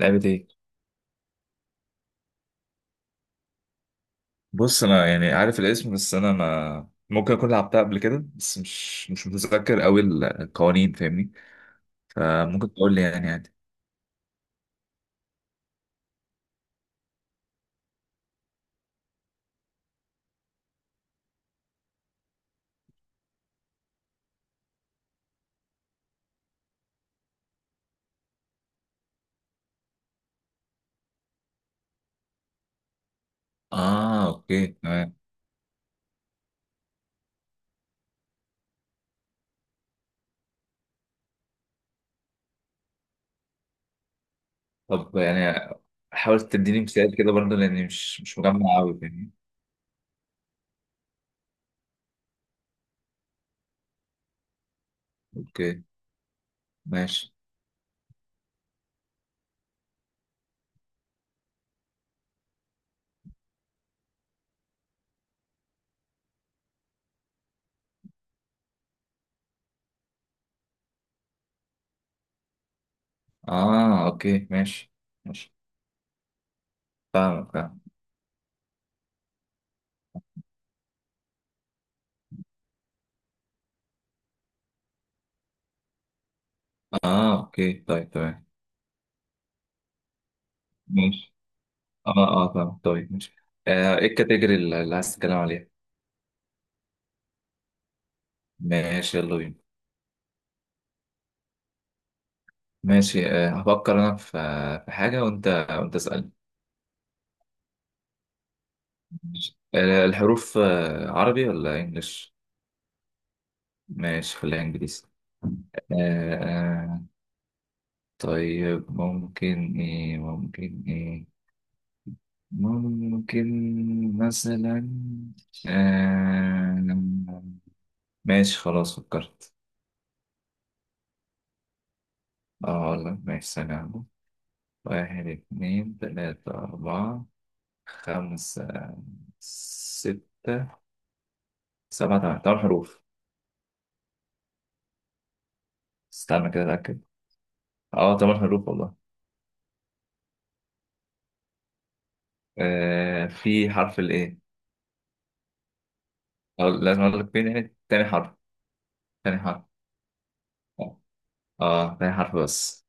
لعبة ايه؟ بص انا يعني عارف الاسم، بس انا ما ممكن اكون لعبتها قبل كده. بس مش متذكر قوي القوانين، فاهمني؟ فممكن تقول لي يعني عادي. اه اوكي تمام. طب يعني حاول تديني مثال كده برضه، لاني مش مجمع قوي يعني. اوكي ماشي. اه اوكي ماشي. ماشي، فاهمك فاهم. اه اوكي طيب تمام ماشي. اه اه فاهم طيب ماشي. ايه الكاتيجوري اللي عايز تتكلم عليها؟ ماشي يلا بينا. ماشي. هفكر أنا في في حاجة، وأنت اسألني. ماشي. الحروف عربي ولا إنجليش؟ ماشي، خليها إنجليزي. آه، آه، طيب ممكن إيه ممكن مثلا آه، ماشي خلاص فكرت. اه والله ماشي ثانية. واحد اتنين تلاتة أربعة خمسة ستة سبعة. تمام تمام حروف. استنى كده أتأكد. اه طبعا حروف والله. آه، في حرف الايه. أو لازم اقول لك فين يعني؟ تاني حرف اه. تاني حرف بس.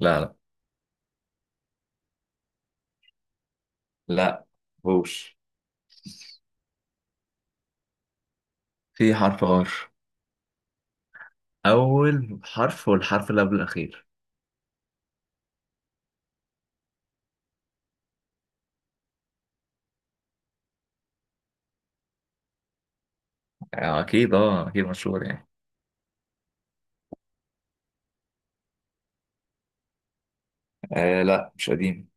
لا لا لا هوش. في حرف ار. اول حرف والحرف اللي قبل الاخير. آه اكيد، اه اكيد مشهور يعني. آه لا، مش قديم.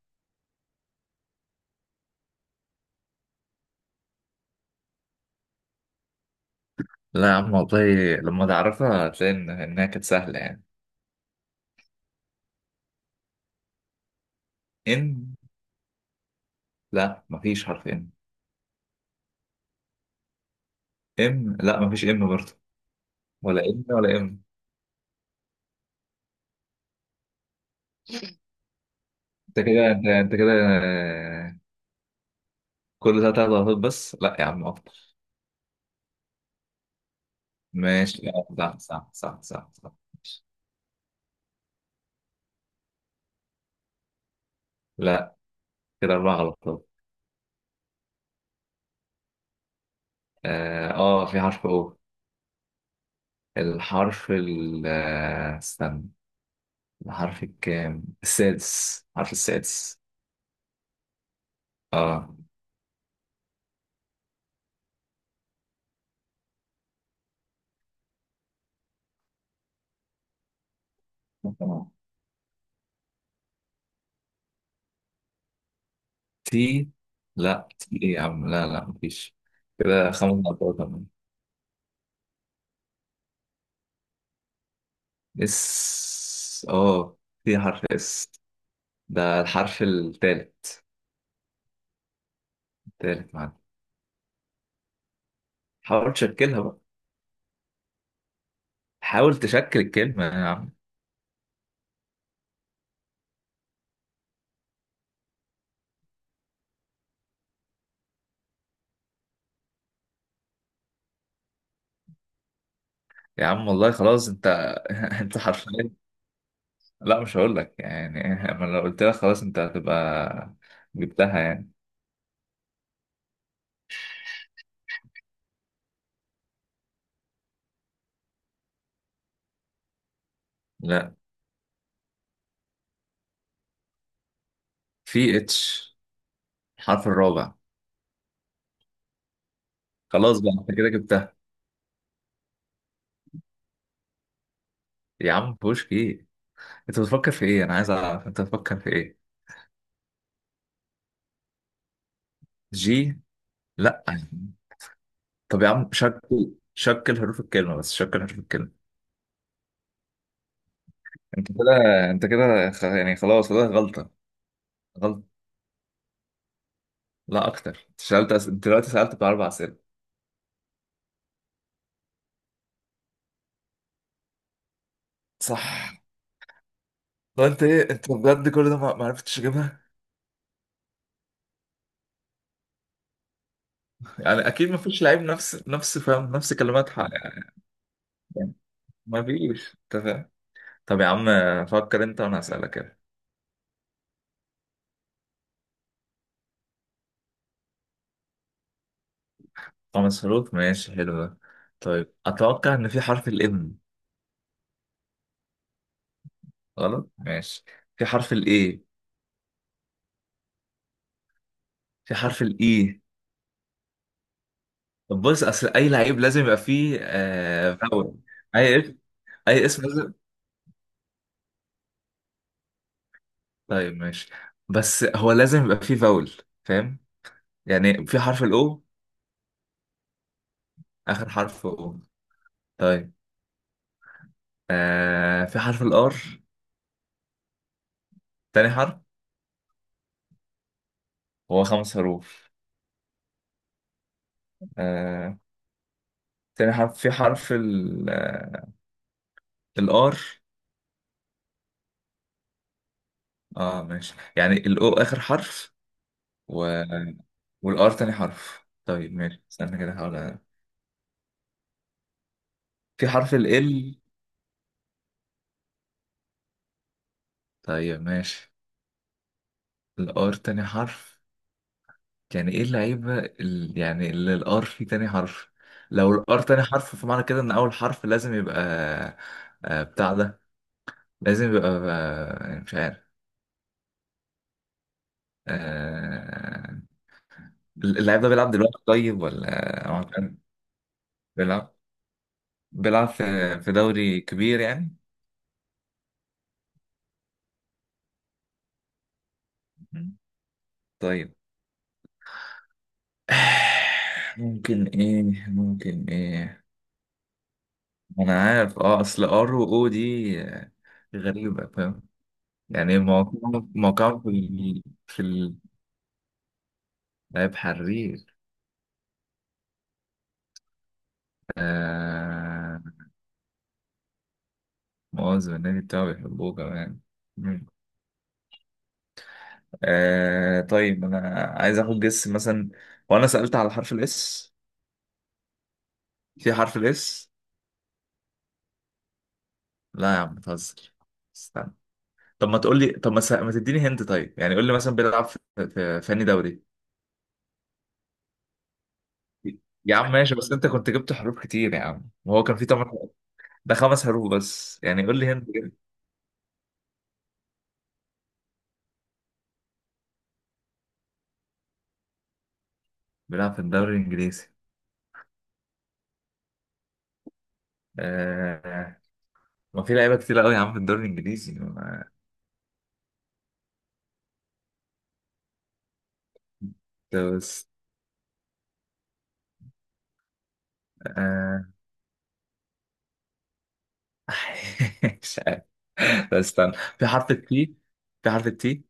لا يا عم والله لما تعرفها هتلاقي انها كانت سهله يعني. ان؟ لا، مفيش حرف ان. ام؟ لا، مفيش ام برضه. ولا ان ولا ام. انت كده أنت كده. آه، كل ده تلات غلطات بس؟ لا يا عم اكتر. ماشي. آه، صح صح صح صح صح ماشي. لا، كده اربع غلطات. اه، آه، في حرف او. الحرف ال آه، استنى. الحرف الكام؟ السادس، الحرف السادس. اه تمام. تي؟ لا تي ايه يا عم، لا لا مفيش. كده خمس غلطات كمان. اس؟ اه، في حرف اس. ده الحرف التالت. التالت معانا. حاول تشكلها بقى. حاول تشكل الكلمة يا عم. يا عم والله خلاص انت انت حرفيا. لا مش هقول لك يعني. انا لو قلت لك خلاص انت هتبقى جبتها يعني. لا. في اتش. الحرف الرابع. خلاص بقى انت كده جبتها. يا عم بوش ايه؟ انت بتفكر في ايه؟ انا عايز اعرف انت بتفكر في ايه. جي؟ لا. طب يا عم شكل حروف الكلمة بس، شكل حروف الكلمة. انت كده، خلاص كده غلطة. غلط. لا اكتر. انت سألت انت دلوقتي سألت باربع اسئلة. صح. وانت ايه انت بجد كل ده ما عرفتش اجيبها؟ يعني اكيد ما فيش لعيب نفس فاهم نفس كلمات حق يعني. ما فيش انت فاهم. طب يا عم فكر انت وانا اسالك كده. خمس حروف ماشي، حلو ده. طيب اتوقع ان في حرف الام. غلط؟ ماشي. في حرف الاي. في حرف الاي طب بص اصل اي لعيب لازم يبقى فيه فاول. اي اسم، اي اسم لازم. طيب ماشي بس هو لازم يبقى فيه فاول. فاهم؟ يعني في حرف الاو. اخر حرف؟ او. طيب. في حرف الار. تاني حرف هو خمس حروف. آه. تاني حرف في حرف ال الار. اه ماشي، يعني الاو اخر حرف و والار تاني حرف. طيب ماشي استنى كده احاول في حرف ال. طيب ماشي. الار تاني حرف يعني ايه يعني اللي الار فيه تاني حرف؟ لو الار تاني حرف، فمعنى كده ان اول حرف لازم يبقى بتاع ده، لازم يبقى مش عارف. آه، اللاعب ده بيلعب دلوقتي طيب، ولا هو كان بيلعب؟ بيلعب في دوري كبير يعني؟ مم. طيب. ممكن ايه ممكن ايه؟ انا عارف، اه اصل ار و او دي غريبة فاهم؟ يعني موقعهم لعيب حرير. آه. مؤاخذة النادي بتاعه بيحبوه كمان. مم. طيب انا عايز اخد جس مثلا. وانا سألت على حرف الاس. في حرف الاس؟ لا يا عم بتهزر. استنى. طب ما تقول لي طب ما, س... ما تديني هنت طيب، يعني قول لي مثلا بيلعب في أنهي دوري؟ يا عم ماشي، بس انت كنت جبت حروف كتير يا عم، وهو كان في ثمان حروف. ده خمس حروف بس. يعني قول لي هنت كده. بيلعب في الدوري الانجليزي. آه. ما في لعيبه كتير قوي يا عم في الدوري الانجليزي بس آه... مش عارف. طب استنى. في حرف التي. في حرف التي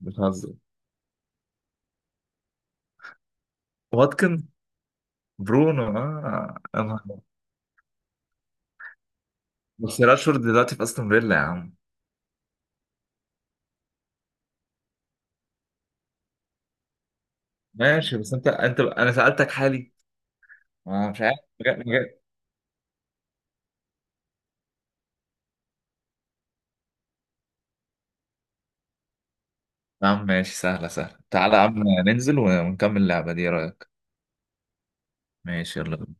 بتهزر. واتكن. برونو اه بس راشفورد دلوقتي في استون فيلا يا عم. ماشي، بس انت انا سألتك حالي. ما مش عارف مجا-. يا عم ماشي سهلة تعالى يا عم ننزل ونكمل اللعبة دي، ايه رأيك؟ ماشي يلا.